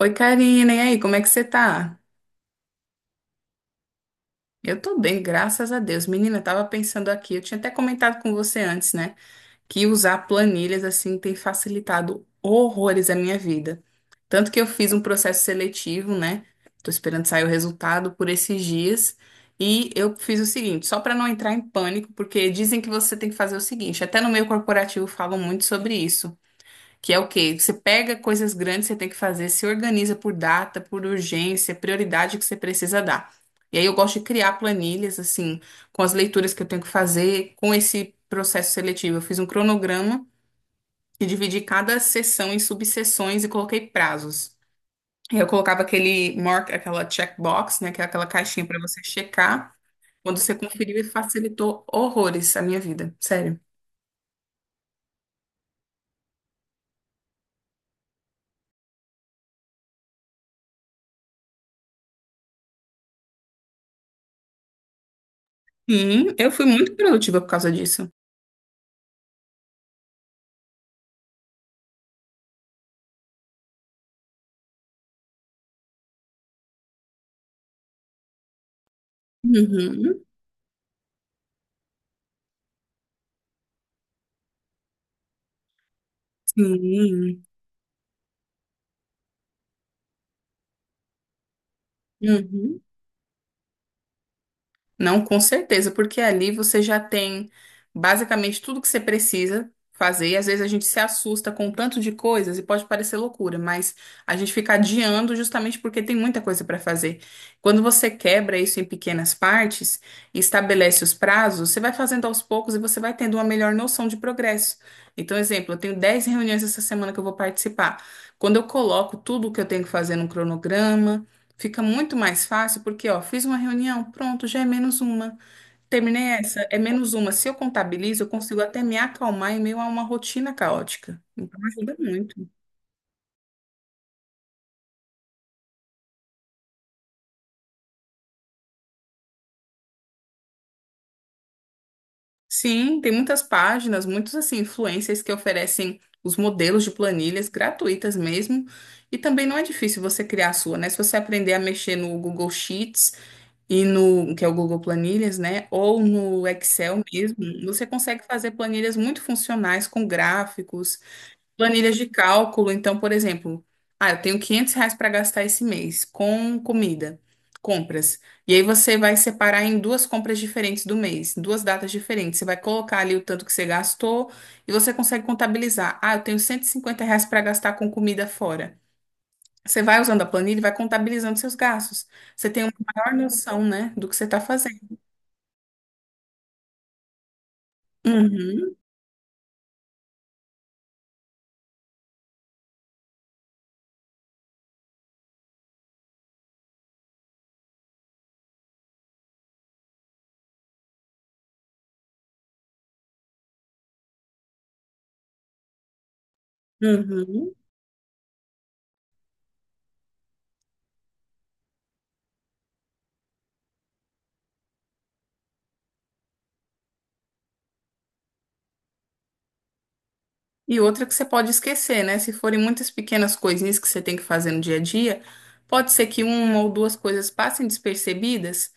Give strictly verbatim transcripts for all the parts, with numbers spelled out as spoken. Oi, Karina, e aí, como é que você tá? Eu tô bem, graças a Deus. Menina, eu tava pensando aqui, eu tinha até comentado com você antes, né, que usar planilhas assim tem facilitado horrores a minha vida. Tanto que eu fiz um processo seletivo, né? Tô esperando sair o resultado por esses dias. E eu fiz o seguinte, só para não entrar em pânico, porque dizem que você tem que fazer o seguinte, até no meio corporativo falam muito sobre isso. Que é o quê? Você pega coisas grandes que você tem que fazer, se organiza por data, por urgência, prioridade que você precisa dar. E aí eu gosto de criar planilhas, assim, com as leituras que eu tenho que fazer, com esse processo seletivo. Eu fiz um cronograma e dividi cada sessão em subseções e coloquei prazos. E Eu colocava aquele mark, aquela checkbox, né, que é aquela caixinha para você checar. Quando você conferiu, e facilitou horrores a minha vida, sério. Sim, eu fui muito produtiva por causa disso. Uhum, sim. Uhum. Não, com certeza, porque ali você já tem basicamente tudo que você precisa fazer. E às vezes a gente se assusta com o tanto de coisas e pode parecer loucura, mas a gente fica adiando justamente porque tem muita coisa para fazer. Quando você quebra isso em pequenas partes e estabelece os prazos, você vai fazendo aos poucos e você vai tendo uma melhor noção de progresso. Então, exemplo, eu tenho dez reuniões essa semana que eu vou participar. Quando eu coloco tudo o que eu tenho que fazer num cronograma, Fica muito mais fácil porque, ó, fiz uma reunião, pronto, já é menos uma. Terminei essa, é menos uma. Se eu contabilizo, eu consigo até me acalmar em meio a uma rotina caótica. Então ajuda muito. Sim, tem muitas páginas, muitos assim, influencers que oferecem os modelos de planilhas gratuitas mesmo. E também não é difícil você criar a sua, né? Se você aprender a mexer no Google Sheets e no, que é o Google Planilhas, né? Ou no Excel mesmo, você consegue fazer planilhas muito funcionais com gráficos planilhas de cálculo. Então, por exemplo, ah, eu tenho quinhentos reais para gastar esse mês com comida, compras. E aí você vai separar em duas compras diferentes do mês, em duas datas diferentes. Você vai colocar ali o tanto que você gastou e você consegue contabilizar. Ah, eu tenho cento e cinquenta reais para gastar com comida fora. Você vai usando a planilha e vai contabilizando seus gastos. Você tem uma maior noção, né, do que você está fazendo. Uhum, uhum. E outra que você pode esquecer, né? Se forem muitas pequenas coisinhas que você tem que fazer no dia a dia, pode ser que uma ou duas coisas passem despercebidas.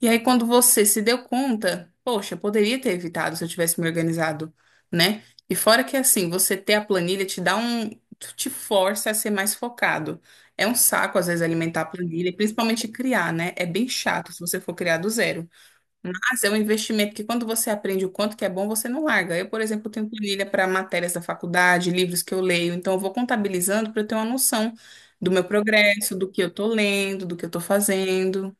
E aí, quando você se deu conta, poxa, poderia ter evitado se eu tivesse me organizado, né? E fora que assim, você ter a planilha te dá um, te força a ser mais focado. É um saco, às vezes, alimentar a planilha, principalmente criar, né? É bem chato se você for criar do zero. Mas é um investimento que quando você aprende o quanto que é bom, você não larga. Eu, por exemplo, tenho planilha para matérias da faculdade, livros que eu leio, então eu vou contabilizando para eu ter uma noção do meu progresso, do que eu estou lendo, do que eu estou fazendo.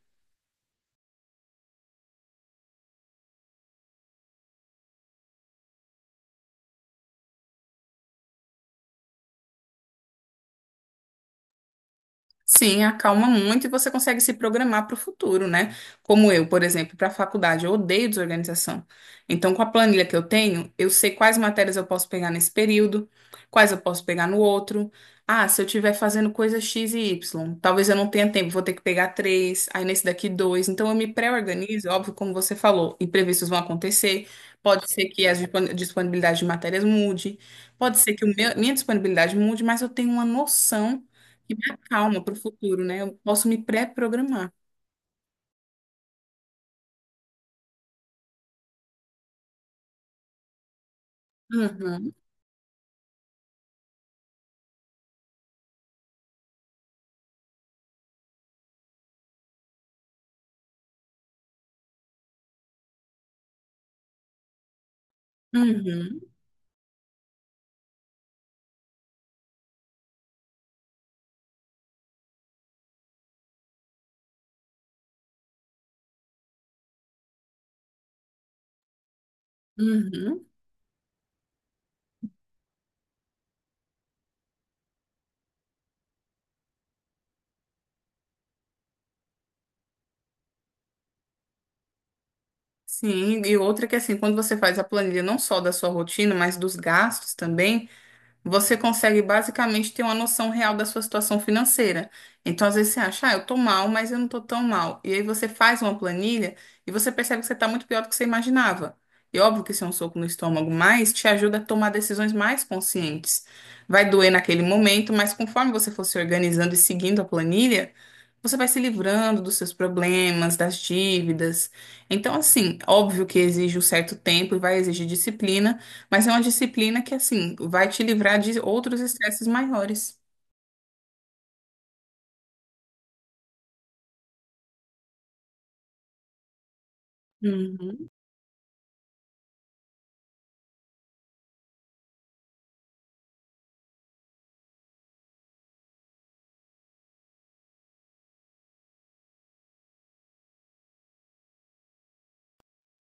Sim, acalma muito e você consegue se programar para o futuro, né? Como eu, por exemplo, para a faculdade, eu odeio desorganização. Então, com a planilha que eu tenho, eu sei quais matérias eu posso pegar nesse período, quais eu posso pegar no outro. Ah, se eu estiver fazendo coisa X e Y, talvez eu não tenha tempo, vou ter que pegar três, aí nesse daqui dois. Então, eu me pré-organizo, óbvio, como você falou, imprevistos vão acontecer. Pode ser que a dispon- disponibilidade de matérias mude, pode ser que o meu- minha disponibilidade mude, mas eu tenho uma noção e me acalma para o futuro, né? Eu posso me pré-programar. Uhum, uhum, uhum. Sim, e outra que assim, quando você faz a planilha não só da sua rotina, mas dos gastos também. Você consegue basicamente ter uma noção real da sua situação financeira. Então, às vezes você acha, ah, eu tô mal, mas eu não tô tão mal. E aí você faz uma planilha e você percebe que você tá muito pior do que você imaginava. E óbvio que isso é um soco no estômago, mas te ajuda a tomar decisões mais conscientes. Vai doer naquele momento, mas conforme você for se organizando e seguindo a planilha, você vai se livrando dos seus problemas, das dívidas. Então, assim, óbvio que exige um certo tempo e vai exigir disciplina. Mas é uma disciplina que, assim, vai te livrar de outros estresses maiores. Uhum,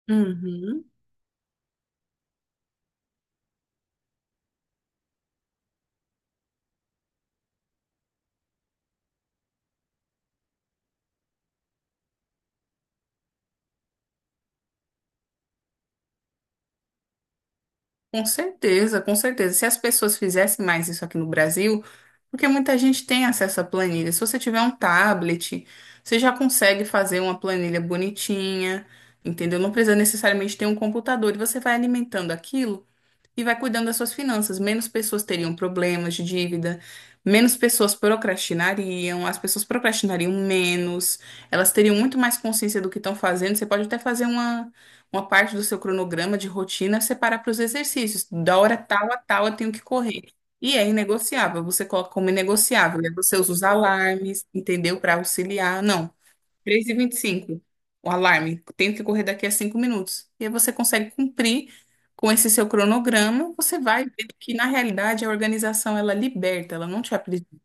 uhum. Com certeza, com certeza. Se as pessoas fizessem mais isso aqui no Brasil, porque muita gente tem acesso à planilha. Se você tiver um tablet, você já consegue fazer uma planilha bonitinha, entendeu? Não precisa necessariamente ter um computador e você vai alimentando aquilo e vai cuidando das suas finanças. Menos pessoas teriam problemas de dívida, menos pessoas procrastinariam, as pessoas procrastinariam menos, elas teriam muito mais consciência do que estão fazendo. Você pode até fazer uma, uma parte do seu cronograma de rotina, separar para os exercícios. Da hora tal a tal eu tenho que correr. E é inegociável, você coloca como inegociável. E aí você usa os alarmes, entendeu? Para auxiliar. Não, três e vinte e cinco o alarme. Tenho que correr daqui a cinco minutos. E aí você consegue cumprir com esse seu cronograma. Você vai ver que, na realidade, a organização, ela liberta, ela não te aprisiona.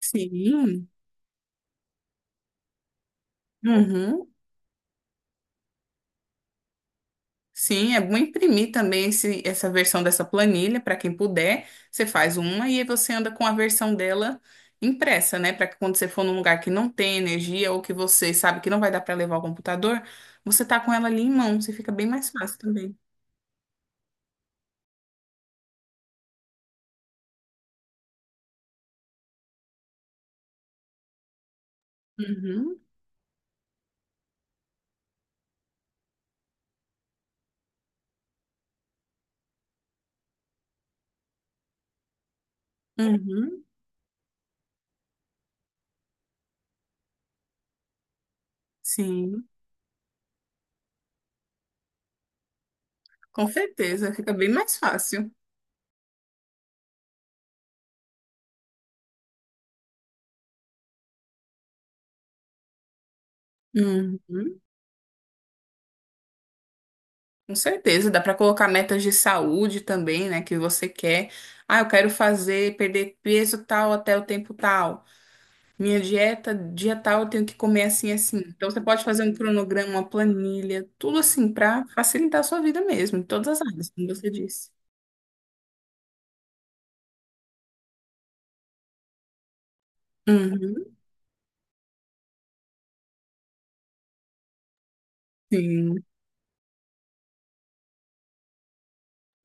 Sim, uhum. Sim, é bom imprimir também esse, essa versão dessa planilha, para quem puder. Você faz uma e aí você anda com a versão dela impressa, né? Para que quando você for num lugar que não tem energia ou que você sabe que não vai dar para levar o computador, você tá com ela ali em mãos e fica bem mais fácil também. Uhum. Uhum, sim, com certeza, fica bem mais fácil. Uhum, com certeza, dá para colocar metas de saúde também, né, que você quer. Ah, eu quero fazer, perder peso tal até o tempo tal. Minha dieta, dia tal, eu tenho que comer assim, assim. Então você pode fazer um cronograma, uma planilha, tudo assim para facilitar a sua vida mesmo, em todas as áreas, como você disse. Uhum, sim.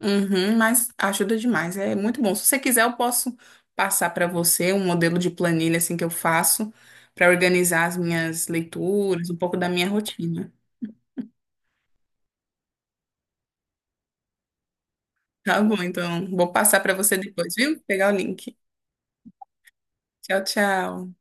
Uhum, mas ajuda demais, é muito bom. Se você quiser, eu posso passar para você um modelo de planilha assim que eu faço para organizar as minhas leituras, um pouco da minha rotina. Tá bom, então vou passar para você depois, viu? Pegar o link. Tchau, tchau.